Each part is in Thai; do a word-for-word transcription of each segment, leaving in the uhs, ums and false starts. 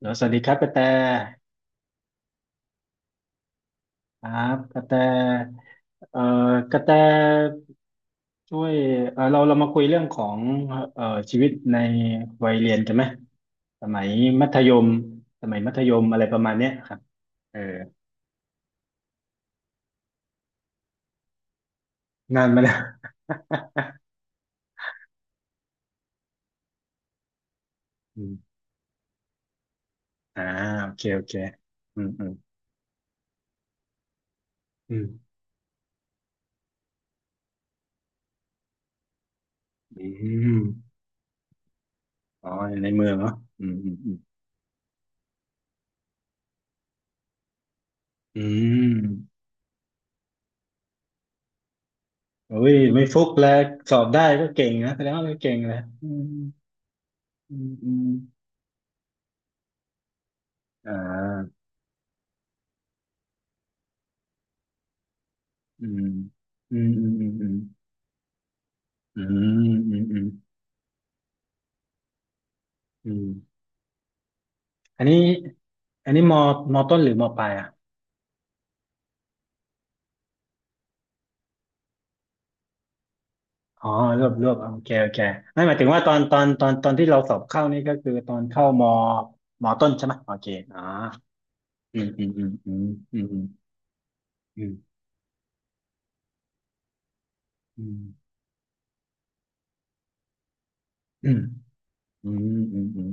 แล้วสวัสดีครับกระแตครับกระแตเอ่อกระแตช่วยเอ่อเราเรามาคุยเรื่องของเอ่อชีวิตในวัยเรียนกันไหมสมัยมัธยมสมัยมัธยมอะไรประมาณเนี้ยครับเออนานมาแล้วอืมอ่าโอเคโอเคอืมอืมอืมอืมอ๋อในเมืองเนาะอืมอืมอืมอืมโอ้ยไม่ฟุกแล้วสอบได้ก็เก่งนะแสดงว่าเราเก่งแล้วอืมอืมอืมอ่า อืมอืมอืมอืมอืมอืมอืมอืมอืมอันนี้อันนี้มอมอต้นหรือมอปลายอ่ะอ๋อรวบรวบโอเคโอเค ไม่หมายถึงว่าตอนตอนตอนตอนที่เราสอบเข้านี่ก็คือตอนเข้ามอมอต้นใช่ไหมโอเคอ๋ออืมอืมอืมอืมอืมอืมอืมอืมอืม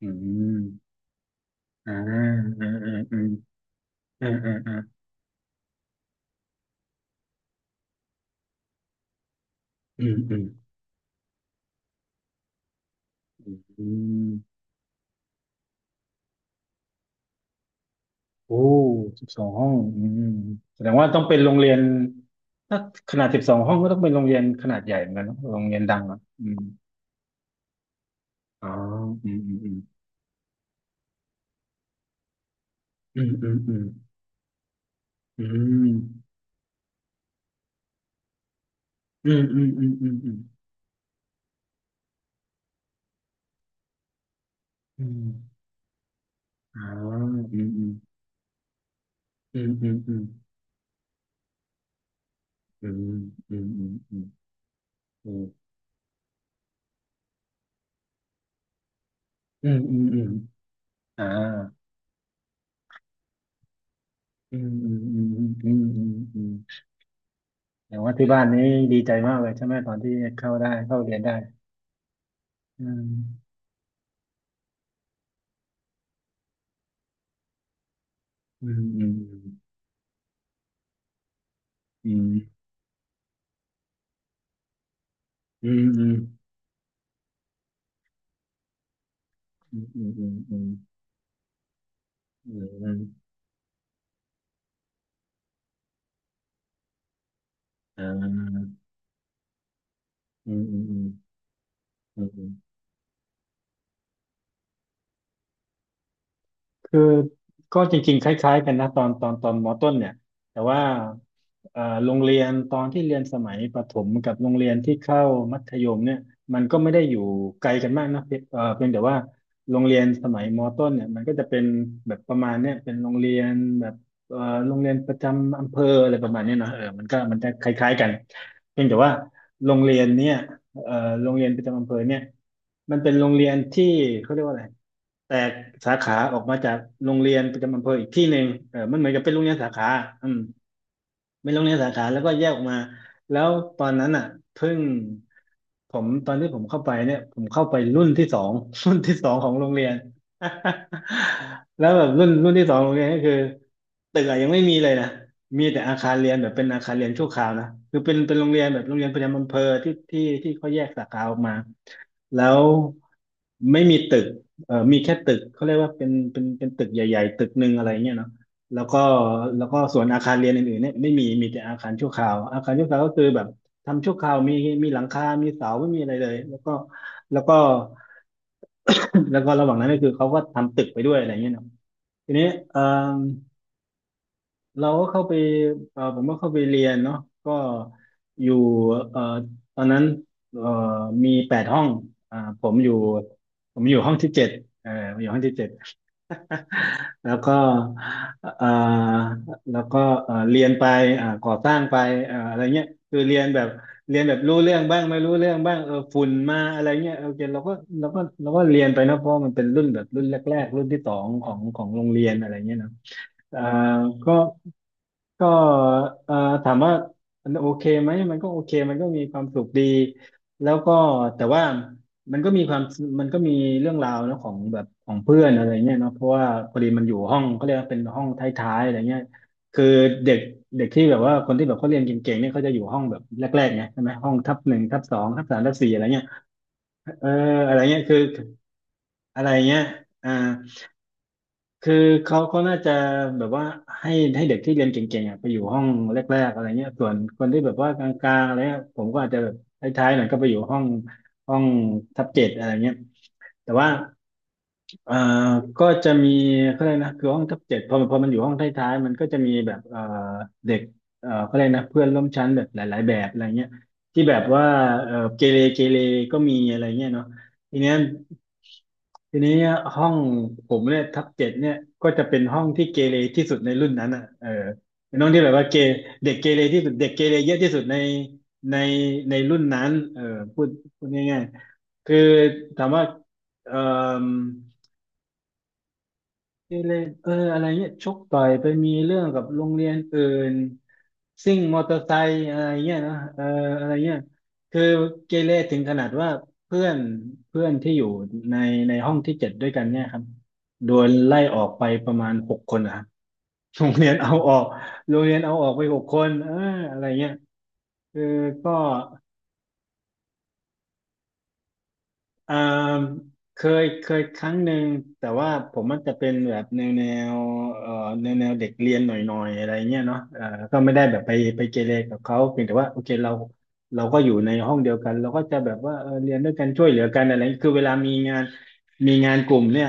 อืมอืมอืมอ่าอืมอืมอืมอืมอืมอืมอืมอืม โอ้สิบสองห้องอืมแสดงว่าต้องเป็นโรงเรียนถ้าขนาดสิบสองห้องก็ต้องเป็นโรงเรียนขนาดใหญ่เหมือนกันเนอะโรงเรียนดังอ่ะอืมอ๋ออืมอืมอืมอืมอืมอืมอืมอืมอืมอืมอืมอืมอ๋ออืมอืมอืมอืมอืมอืมอืมอืมอืมอืมอืมอืมอ่าอืมอืมอืมอืม อืม อืมแสดงว่าที่บ้านนี้ดีใจมากเลยใช่ไหมตอนที่เข้าได้เข้าเรียนได้อืมอืมอืม อืมอืมอืมอืมอืมอืมอืมอืมอืมอืมอืมอืมอืม คือก็จริงๆคล้ายๆกันนะตอนตอนตอนมต้นเนี่ยแต่ว่าเอ่อโรงเรียนตอนที่เรียนสมัยประถมกับโรงเรียนที่เข้ามัธยมเนี่ยมันก็ไม่ได้อยู่ไกลกันมากนะเพียเอ่อเพียงแต่ว่าโรงเรียนสมัยมต้นเนี่ยมันก็จะเป็นแบบประมาณเนี่ยเป็นโรงเรียนแบบเอ่อโรงเรียนประจำอำเภออะไรประมาณเนี้ยเนอะเออมันก็มันจะคล้ายๆกันเพียงแต่ว่าโรงเรียนเนี่ยเอ่อโรงเรียนประจำอำเภอเนี่ยมันเป็นโรงเรียนที่เขาเรียกว่าอะไร แตกสาขาออกมาจากโรงเรียนประจำอำเภออีกที่หนึ่งเออมันเหมือนกับเป็นโรงเรียนสาขาอืม ไปโรงเรียนสาขาแล้วก็แยกออกมา แล้วตอนนั้นอ่ะเพิ่งผมตอนที่ผมเข้าไปเนี่ยผมเข้าไปรุ่นที่สอง รุ่นที่สองของโรงเรียน แล้วแบบรุ่นรุ่นที่สองของโรงเรียนก็คือตึกอะยังไม่มีเลยนะมีแต่อาคารเรียนแบบเป็นอาคารเรียนชั่วคราวนะคือเป็นเป็นโรงเรียนแบบโรงเรียนประจำอำเภอที่ที่ที่เขาแยกสาขาออกมาแล้วไม่มีตึกเออมีแค่ตึกเขาเรียกว่าเป็นเป็นเป็นตึกใหญ่ๆตึกหนึ่งอะไรเงี้ยเนาะ แล้วก็แล้วก็ส่วนอาคารเรียนอื่นๆเนี่ยไม่มีมีแต่อาคารชั่วคราวอาคารชั่วคราวก็คือแบบทำชั่วคราวมีมีหลังคามีเสาไม่มีอะไรเลยแล้วก็แล้วก็ แล้วก็ระหว่างนั้นก็คือเขาก็ทำตึกไปด้วยอะไรเงี้ยเนาะทีนี้เออเราก็เข้าไปเออผมก็เข้าไปเรียนเนาะก็อยู่เออตอนนั้นเออมีแปดห้องอ่าผมอยู่ผมอยู่ห้องที่เจ็ดเออผมอยู่ห้องที่เจ็ด แล้วก็เอ่อแล้วก็เอ่อเรียนไปอ่าก่อสร้างไปเอ่ออะไรเงี้ยคือเรียนแบบเรียนแบบรู้เรื่องบ้างไม่รู้เรื่องบ้างเออฝุ่นมาอะไรเงี้ยโอเคเราก็เราก็เราก็เรียนไปนะเพราะมันเป็นรุ่นแบบรุ่นแรกๆรุ่นที่สองของของโรงเรียนอะไรเงี้ยเนาะเอ่อก็ ก็เอ่อถามว่ามันโอเคไหมมันก็โอเคมันก็มีความสุขดีแล้วก็แต่ว่ามันก็มีความมันก็มีเรื่องราวนะของแบบของเพื่อนอะไรเงี้ยเนาะเพราะว่าพอดีมันอยู่ห้องก็เรียกว่าเป็นห้องท้ายๆอะไรเงี้ยคือเด็กเด็กที่แบบว่าคนที่แบบเขาเรียนเก่งๆเนี่ยเขาจะอยู่ห้องแบบแรกๆไงใช่ไหมห้องทับหนึ่งทับสองทับสามทับสี่อะไรเงี้ยเอออะไรเงี้ยคืออะไรเงี้ยอ่า คือเขาเขาน่าจะแบบว่าให้ให้เด็กที่เรียนเก่งๆอ่ะไปอยู่ห้องแรกๆอะไรเงี้ยส่วนคนที่แบบว่ากลางๆอะไรเงี้ยผมก็อาจจะแบบท้ายๆหน่อยก็ไปอยู่ห้องห้องทับเจ็ดอะไรเงี้ยแต่ว่า เอ่อก็จะมีเขาเรียกนะคือห้องทับเจ็ดพอมันพอมันอยู่ห้องท้ายๆมันก็จะมีแบบเอ่อเด็กเอ่อเขาเรียกนะเพื่อนร่วมชั้นแบบหลายๆแบบอะไรเงี้ยที่แบบว่าเอ่อเกเรเกเรก็มีอะไรเงี้ยเนาะทีเนี้ยทีนี้ห้องผมเนี่ยทับเจ็ดเนี่ยก็จะเป็นห้องที่เกเรที่สุดในรุ่นนั้นอ่ะเออเป็นห้องที่แบบว่าเกเด็กเกเรที่สุดเด็กเกเรเยอะที่สุดในในในรุ่นนั้นเออพูดพูดง่ายๆคือถามว่าเอ่อ ทีเลเอออะไรเงี้ยชกต่อยไปมีเรื่องกับโรงเรียนอื่นซิ่งมอเตอร์ไซค์อะไรเงี้ยเนอะเอออะไรเงี้ยคือเกเรถึงขนาดว่าเพื่อนเพื่อนที่อยู่ในในห้องที่เจ็ดด้วยกันเนี่ยครับโดนไล่ออกไปประมาณหกคนนะครับโรงเรียนเอาออกโรงเรียนเอาออกไปหกคนเอออะไรเงี้ยคือก็ อ่าเคยเคยครั้งหนึ่งแต่ว่าผมมันจะเป็นแบบแนวแนวเอ่อแนวแนวเด็กเรียนหน่อยหน่อยอะไรเงี้ยเนาะเอ่อก็ไม่ได้แบบไปไปเกเรกับเขาเพียงแต่ว่าโอเคเราเราก็อยู่ในห้องเดียวกันเราก็จะแบบว่าเออเรียนด้วยกันช่วยเหลือกันอะไรคือเวลามีงานมีงานกลุ่มเนี่ย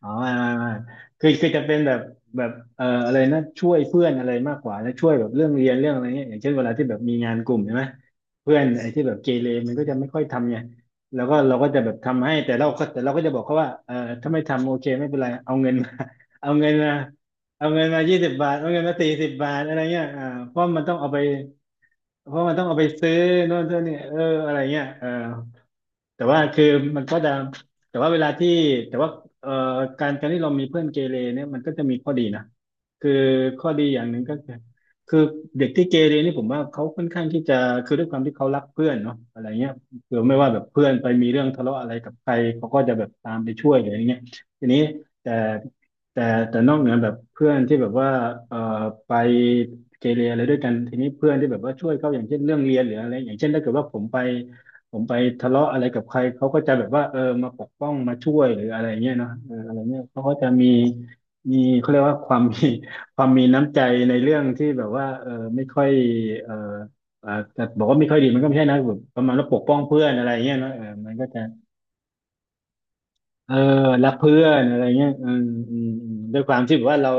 อ๋อไม่ไม่ไม่คือคือจะเป็นแบบแบบเอ่ออะไรนะช่วยเพื่อนอะไรมากกว่าแล้วช่วยแบบเรื่องเรียนเรื่องอะไรเงี้ยอย่างเช่นเวลาที่แบบมีงานกลุ่มใช่ไหมเพื่อนไอ้ที่แบบเกเรมันก็จะไม่ค่อยทำไงแล้วก็เราก็จะแบบทำให้แต่เราก็แต่เราก็จะบอกเขาว่าเอ่อถ้าไม่ทำโอเคไม่เป็นไรเอาเงินมา เอาเงินมาเอาเงินมายี่สิบบาทเอาเงินมาสี่สิบบาทอะไรเงี้ยอ่าเพราะมันต้องเอาไปเพราะมันต้องเอาไปซื้อโน่นเท่านี่เอออะไรเงี้ยเออ แต่ว่าคือมันก็จะแต่ว่าเวลาที่แต่ว่าเอ่อการการที่เรามีเพื่อนเกเรเนี่ยมันก็จะมีข้อดีนะคือข้อดีอย่างหนึ่งก็คือคือเด็กที่เกเรนี่ผมว่าเขาค่อนข้างที่จะคือด้วยความที่เขารักเพื่อนเนาะอะไรเงี้ยคือไม่ว่าแบบเพื่อนไปมีเรื่องทะเลาะอะไรกับใครเขาก็จะแบบตามไปช่วยหรืออะไรเงี้ยทีนี้แต่แต่แต่นอกเหนือแบบเพื่อนที่แบบว่าเอ่อไปเกเรอะไรด้วยกันทีนี้เพื่อนที่แบบว่าช่วยเขาอย่างเช่นเรื่องเรียนหรืออะไรอย่างเช่นถ้าเกิดว่าผมไป ผมไปทะเลาะอะไรกับใครเขาก็จะแบบว่าเออมาปกป้องมาช่วยหรืออะไรเงี้ยเนาะเอออะไรเงี้ยเขาก็จะมีมีเขาเรียกว่าความมี ความมีน้ำใจในเรื่องที่แบบว่าเออไม่ค่อยเอออ่าจะบอกว่าไม่ค่อยดีมันก็ไม่ใช่นะแบบประมาณว่าปกป้องเพื่อนอะไรเงี้ยเนาะเออมันก็จะเออรักเพื่อนอะไรเงี้ยอืมอืมอืมด้วยความที่แบบว่าเรา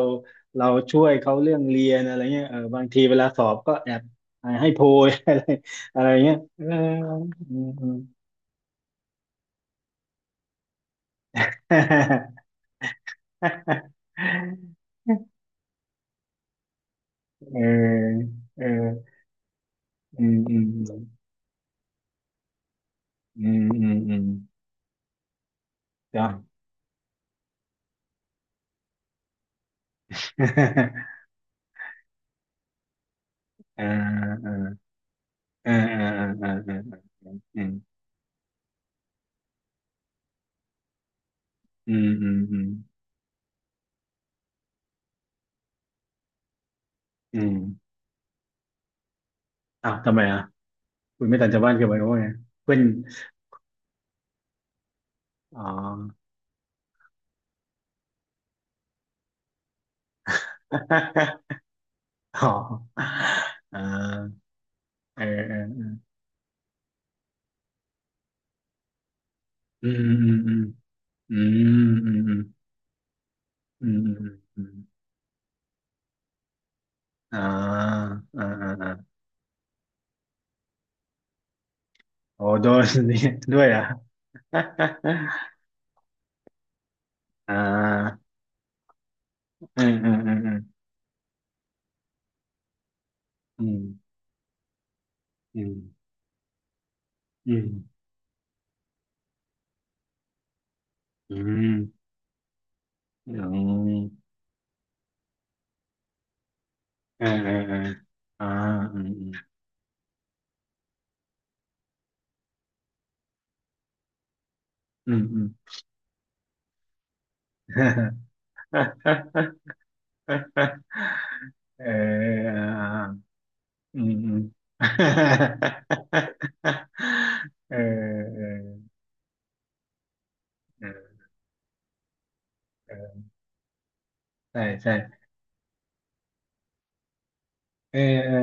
เราช่วยเขาเรื่องเรียนอะไรเงี้ยเออบางทีเวลาสอบก็แอบให้โพย อะไรอะไรเงี้ยเอออืม เออเอออืมอืมอืมอืมอืมจ้ะ เออเออเออเออเออเออเอออืมอืมอืมอืมอืมอ้าวทำไมอ่ะคุณไม่ตันชาวบ้านเกี่ยวกับว่าไงเพื่อนอ๋อ อ๋อเอ่เออเอออืมอืมอืมอืมอืมอืมอืมอืมอ่าอ่าอ่าอ๋อโดน นี่ด้วยอ่ะ อ่าอืมอืมอืมอืมอืมอืมอืมอืมอืมอืมอืมอืมอ่าอืมอืมอืมเอออืมอืมเออเออเออใช่ใช่เออเออ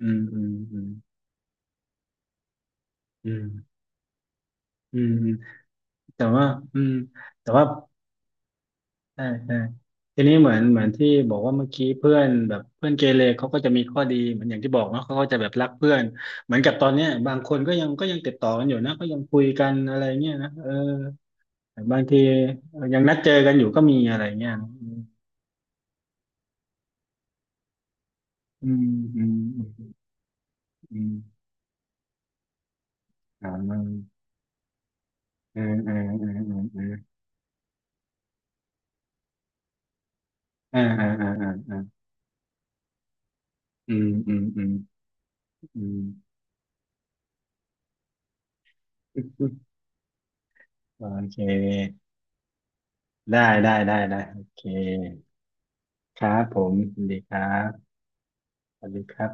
อืมอืมอืมอืมอืมแต่ว่าอืมแต่ว่า ใช่ใช่ทีนี้เหมือนเหมือนที่บอกว่าเมื่อกี้เพื่อนแบบเพื่อนเกเรเขาก็จะมีข้อดีเหมือนอย่างที่บอกเนาะเขาก็จะแบบรักเพื่อนเหมือนกับตอนเนี้ยบางคนก็ยังก็ยังติดต่อกันอยู่นะก็ยังคุยกันอะไรเงี้ยนะเออแต่บางทีเออยังนัดเจอกันอยู่ก็มีอะไรเงี้ยนะอืมอืมอืมอืมอ่าอืมอืมอืมอืมอืมอ่าอ่าอ่าอ่าอ่าอืมอืมอืมอืมโอเคได้ได้ได้ได้โอเคครับผมสวัสดีครับสวัสดีครับ